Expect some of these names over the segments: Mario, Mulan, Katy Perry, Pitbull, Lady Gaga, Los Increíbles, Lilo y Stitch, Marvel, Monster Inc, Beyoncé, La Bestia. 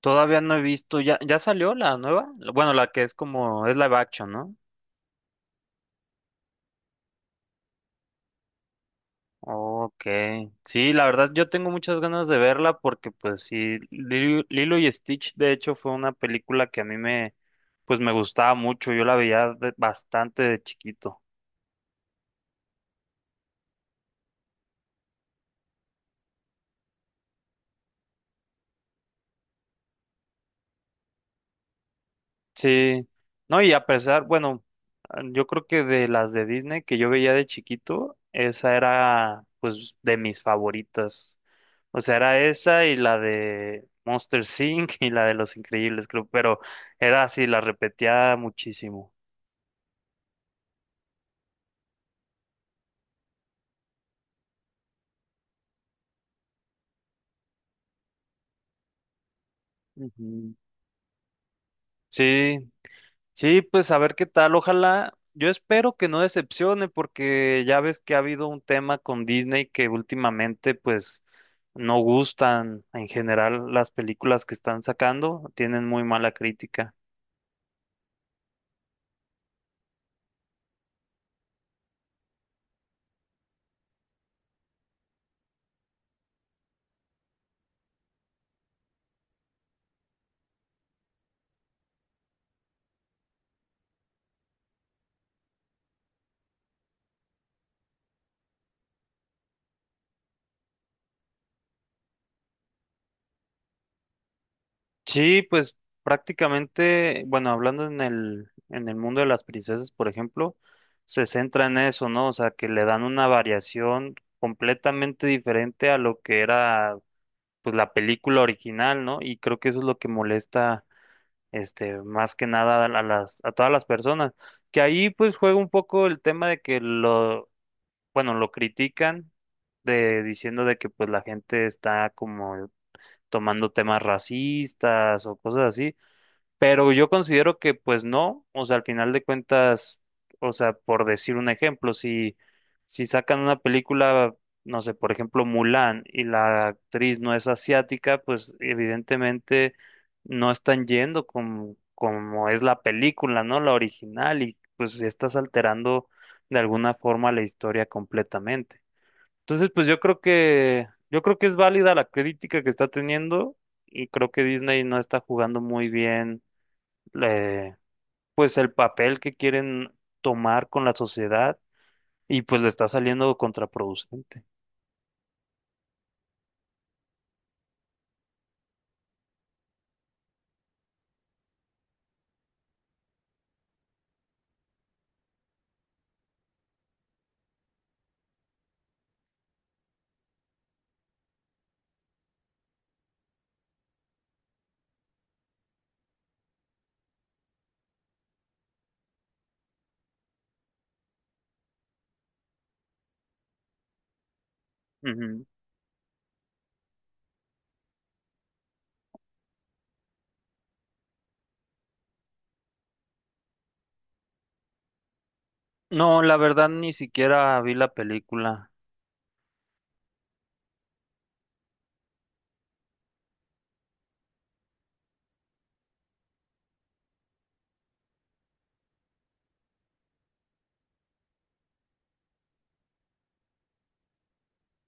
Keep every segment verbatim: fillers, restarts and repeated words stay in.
Todavía no he visto, ya, ya salió la nueva, bueno, la que es como, es live action, ¿no? Ok, sí, la verdad yo tengo muchas ganas de verla porque pues sí, Lilo, Lilo y Stitch de hecho fue una película que a mí me, pues me gustaba mucho, yo la veía de- bastante de chiquito. Sí, no, y a pesar, bueno, yo creo que de las de Disney que yo veía de chiquito, esa era pues de mis favoritas. O sea, era esa y la de Monster inc y la de Los Increíbles, creo, pero era así, la repetía muchísimo. Ujú. Sí, sí, pues a ver qué tal. Ojalá, yo espero que no decepcione porque ya ves que ha habido un tema con Disney que últimamente pues no gustan en general las películas que están sacando, tienen muy mala crítica. Sí, pues prácticamente, bueno, hablando en el, en el mundo de las princesas, por ejemplo, se centra en eso, ¿no? O sea, que le dan una variación completamente diferente a lo que era pues la película original, ¿no? Y creo que eso es lo que molesta este, más que nada a las, a todas las personas. Que ahí pues juega un poco el tema de que lo, bueno, lo critican de diciendo de que pues la gente está como tomando temas racistas o cosas así, pero yo considero que pues no, o sea, al final de cuentas, o sea, por decir un ejemplo, si, si sacan una película, no sé, por ejemplo, Mulan y la actriz no es asiática, pues evidentemente no están yendo como, como es la película, ¿no? La original y pues estás alterando de alguna forma la historia completamente. Entonces, pues yo creo que, yo creo que es válida la crítica que está teniendo y creo que Disney no está jugando muy bien eh, pues el papel que quieren tomar con la sociedad y pues le está saliendo contraproducente. Ujú. No, la verdad ni siquiera vi la película.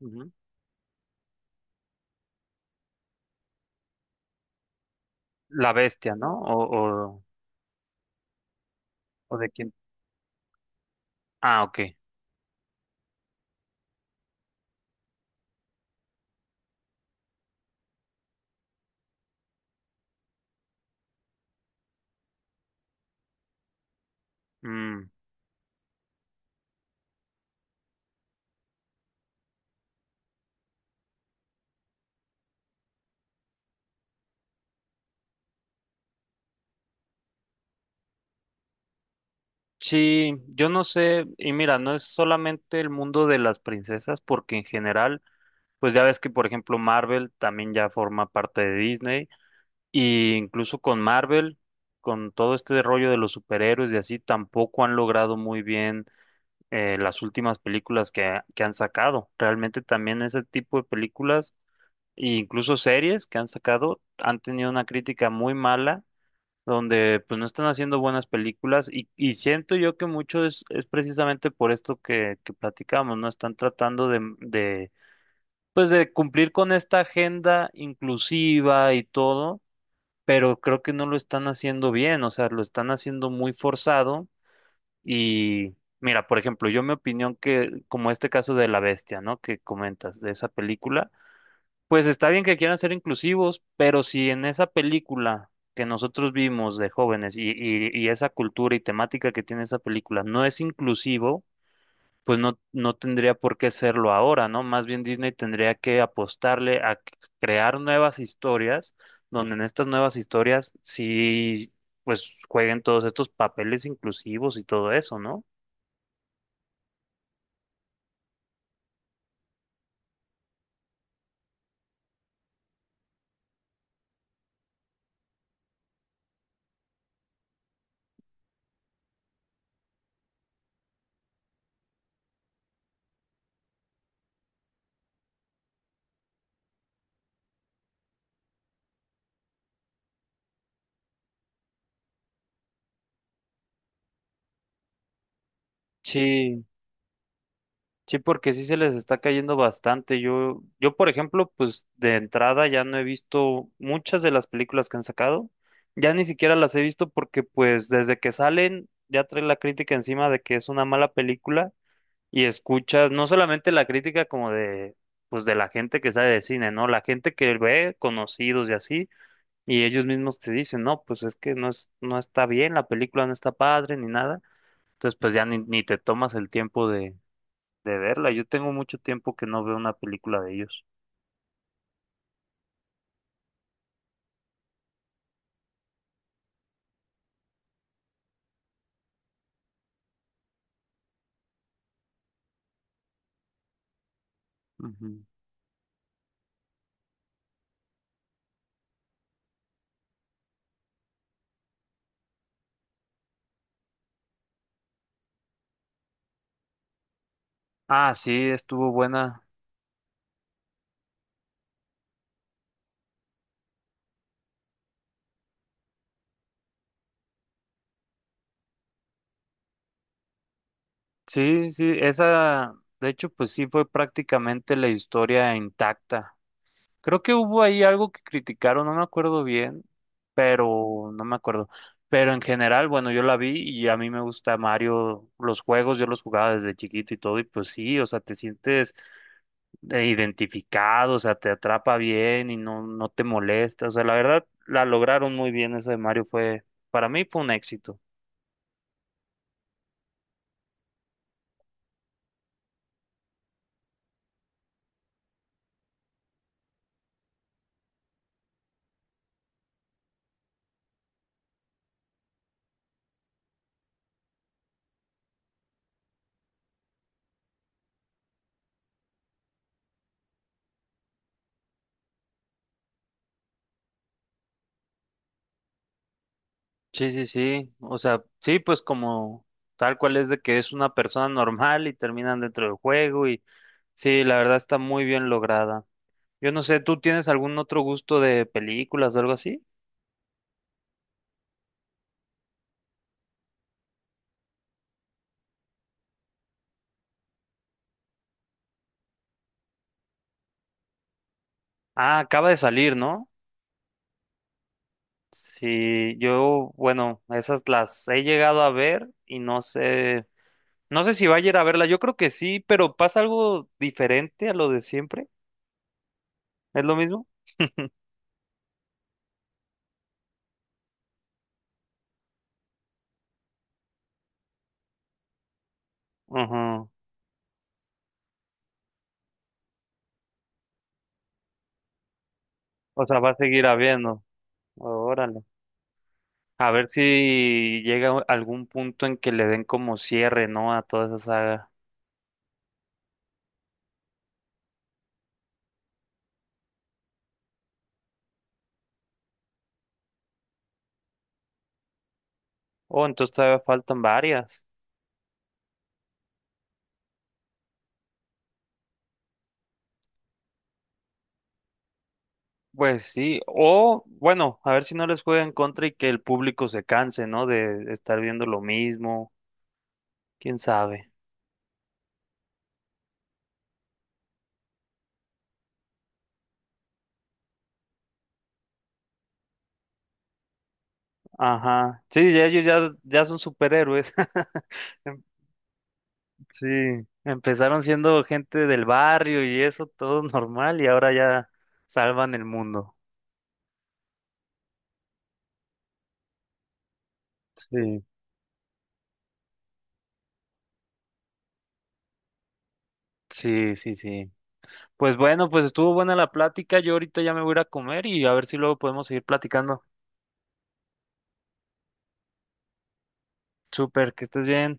Ujú. La bestia, ¿no? O, o, o de quién. Ah, ok. Mm. Sí, yo no sé, y mira, no es solamente el mundo de las princesas, porque en general, pues ya ves que, por ejemplo, Marvel también ya forma parte de Disney. Y incluso con Marvel, con todo este rollo de los superhéroes y así, tampoco han logrado muy bien eh, las últimas películas que, que han sacado. Realmente también ese tipo de películas e incluso series que han sacado han tenido una crítica muy mala, donde pues no están haciendo buenas películas y, y siento yo que mucho es, es precisamente por esto que, que platicamos, ¿no? Están tratando de, de, pues de cumplir con esta agenda inclusiva y todo, pero creo que no lo están haciendo bien, o sea, lo están haciendo muy forzado. Y mira, por ejemplo, yo mi opinión que como este caso de La Bestia, ¿no? que comentas de esa película, pues está bien que quieran ser inclusivos, pero si en esa película que nosotros vimos de jóvenes y, y, y esa cultura y temática que tiene esa película no es inclusivo, pues no, no tendría por qué serlo ahora, ¿no? Más bien Disney tendría que apostarle a c- crear nuevas historias, donde en estas nuevas historias sí, pues jueguen todos estos papeles inclusivos y todo eso, ¿no? Sí, sí, porque sí se les está cayendo bastante. Yo, yo, por ejemplo, pues de entrada ya no he visto muchas de las películas que han sacado. Ya ni siquiera las he visto porque pues desde que salen ya trae la crítica encima de que es una mala película y escuchas no solamente la crítica como de, pues de la gente que sabe de cine, ¿no? La gente que ve conocidos y así, y ellos mismos te dicen, no, pues es que no es, no está bien, la película no está padre ni nada. Entonces, pues ya ni, ni te tomas el tiempo de, de verla. Yo tengo mucho tiempo que no veo una película de ellos. Ujú. Ah, sí, estuvo buena. Sí, sí, esa, de hecho, pues sí fue prácticamente la historia intacta. Creo que hubo ahí algo que criticaron, no me acuerdo bien, pero no me acuerdo. Pero en general, bueno, yo la vi y a mí me gusta Mario, los juegos, yo los jugaba desde chiquito y todo, y pues sí, o sea, te sientes eh, identificado, o sea, te atrapa bien y no, no te molesta, o sea, la verdad, la lograron muy bien esa de Mario, fue, para mí fue un éxito. Sí, sí, sí, o sea, sí, pues como tal cual es de que es una persona normal y terminan dentro del juego y sí, la verdad está muy bien lograda. Yo no sé, ¿tú tienes algún otro gusto de películas o algo así? Ah, acaba de salir, ¿no? Sí, yo, bueno, esas las he llegado a ver y no sé, no sé si va a ir a verla, yo creo que sí, pero pasa algo diferente a lo de siempre, ¿es lo mismo? Ujú. O sea, va a seguir habiendo, órale. A ver si llega algún punto en que le den como cierre, ¿no? A toda esa saga. Oh, entonces todavía faltan varias. Pues sí, o bueno, a ver si no les juega en contra y que el público se canse, ¿no? De estar viendo lo mismo, quién sabe. Ajá, sí, ya ellos ya, ya son superhéroes. Em- Sí, empezaron siendo gente del barrio y eso, todo normal, y ahora ya salvan el mundo. Sí, sí, sí, sí. Pues bueno, pues estuvo buena la plática, yo ahorita ya me voy a ir a comer y a ver si luego podemos seguir platicando. Súper, que estés bien.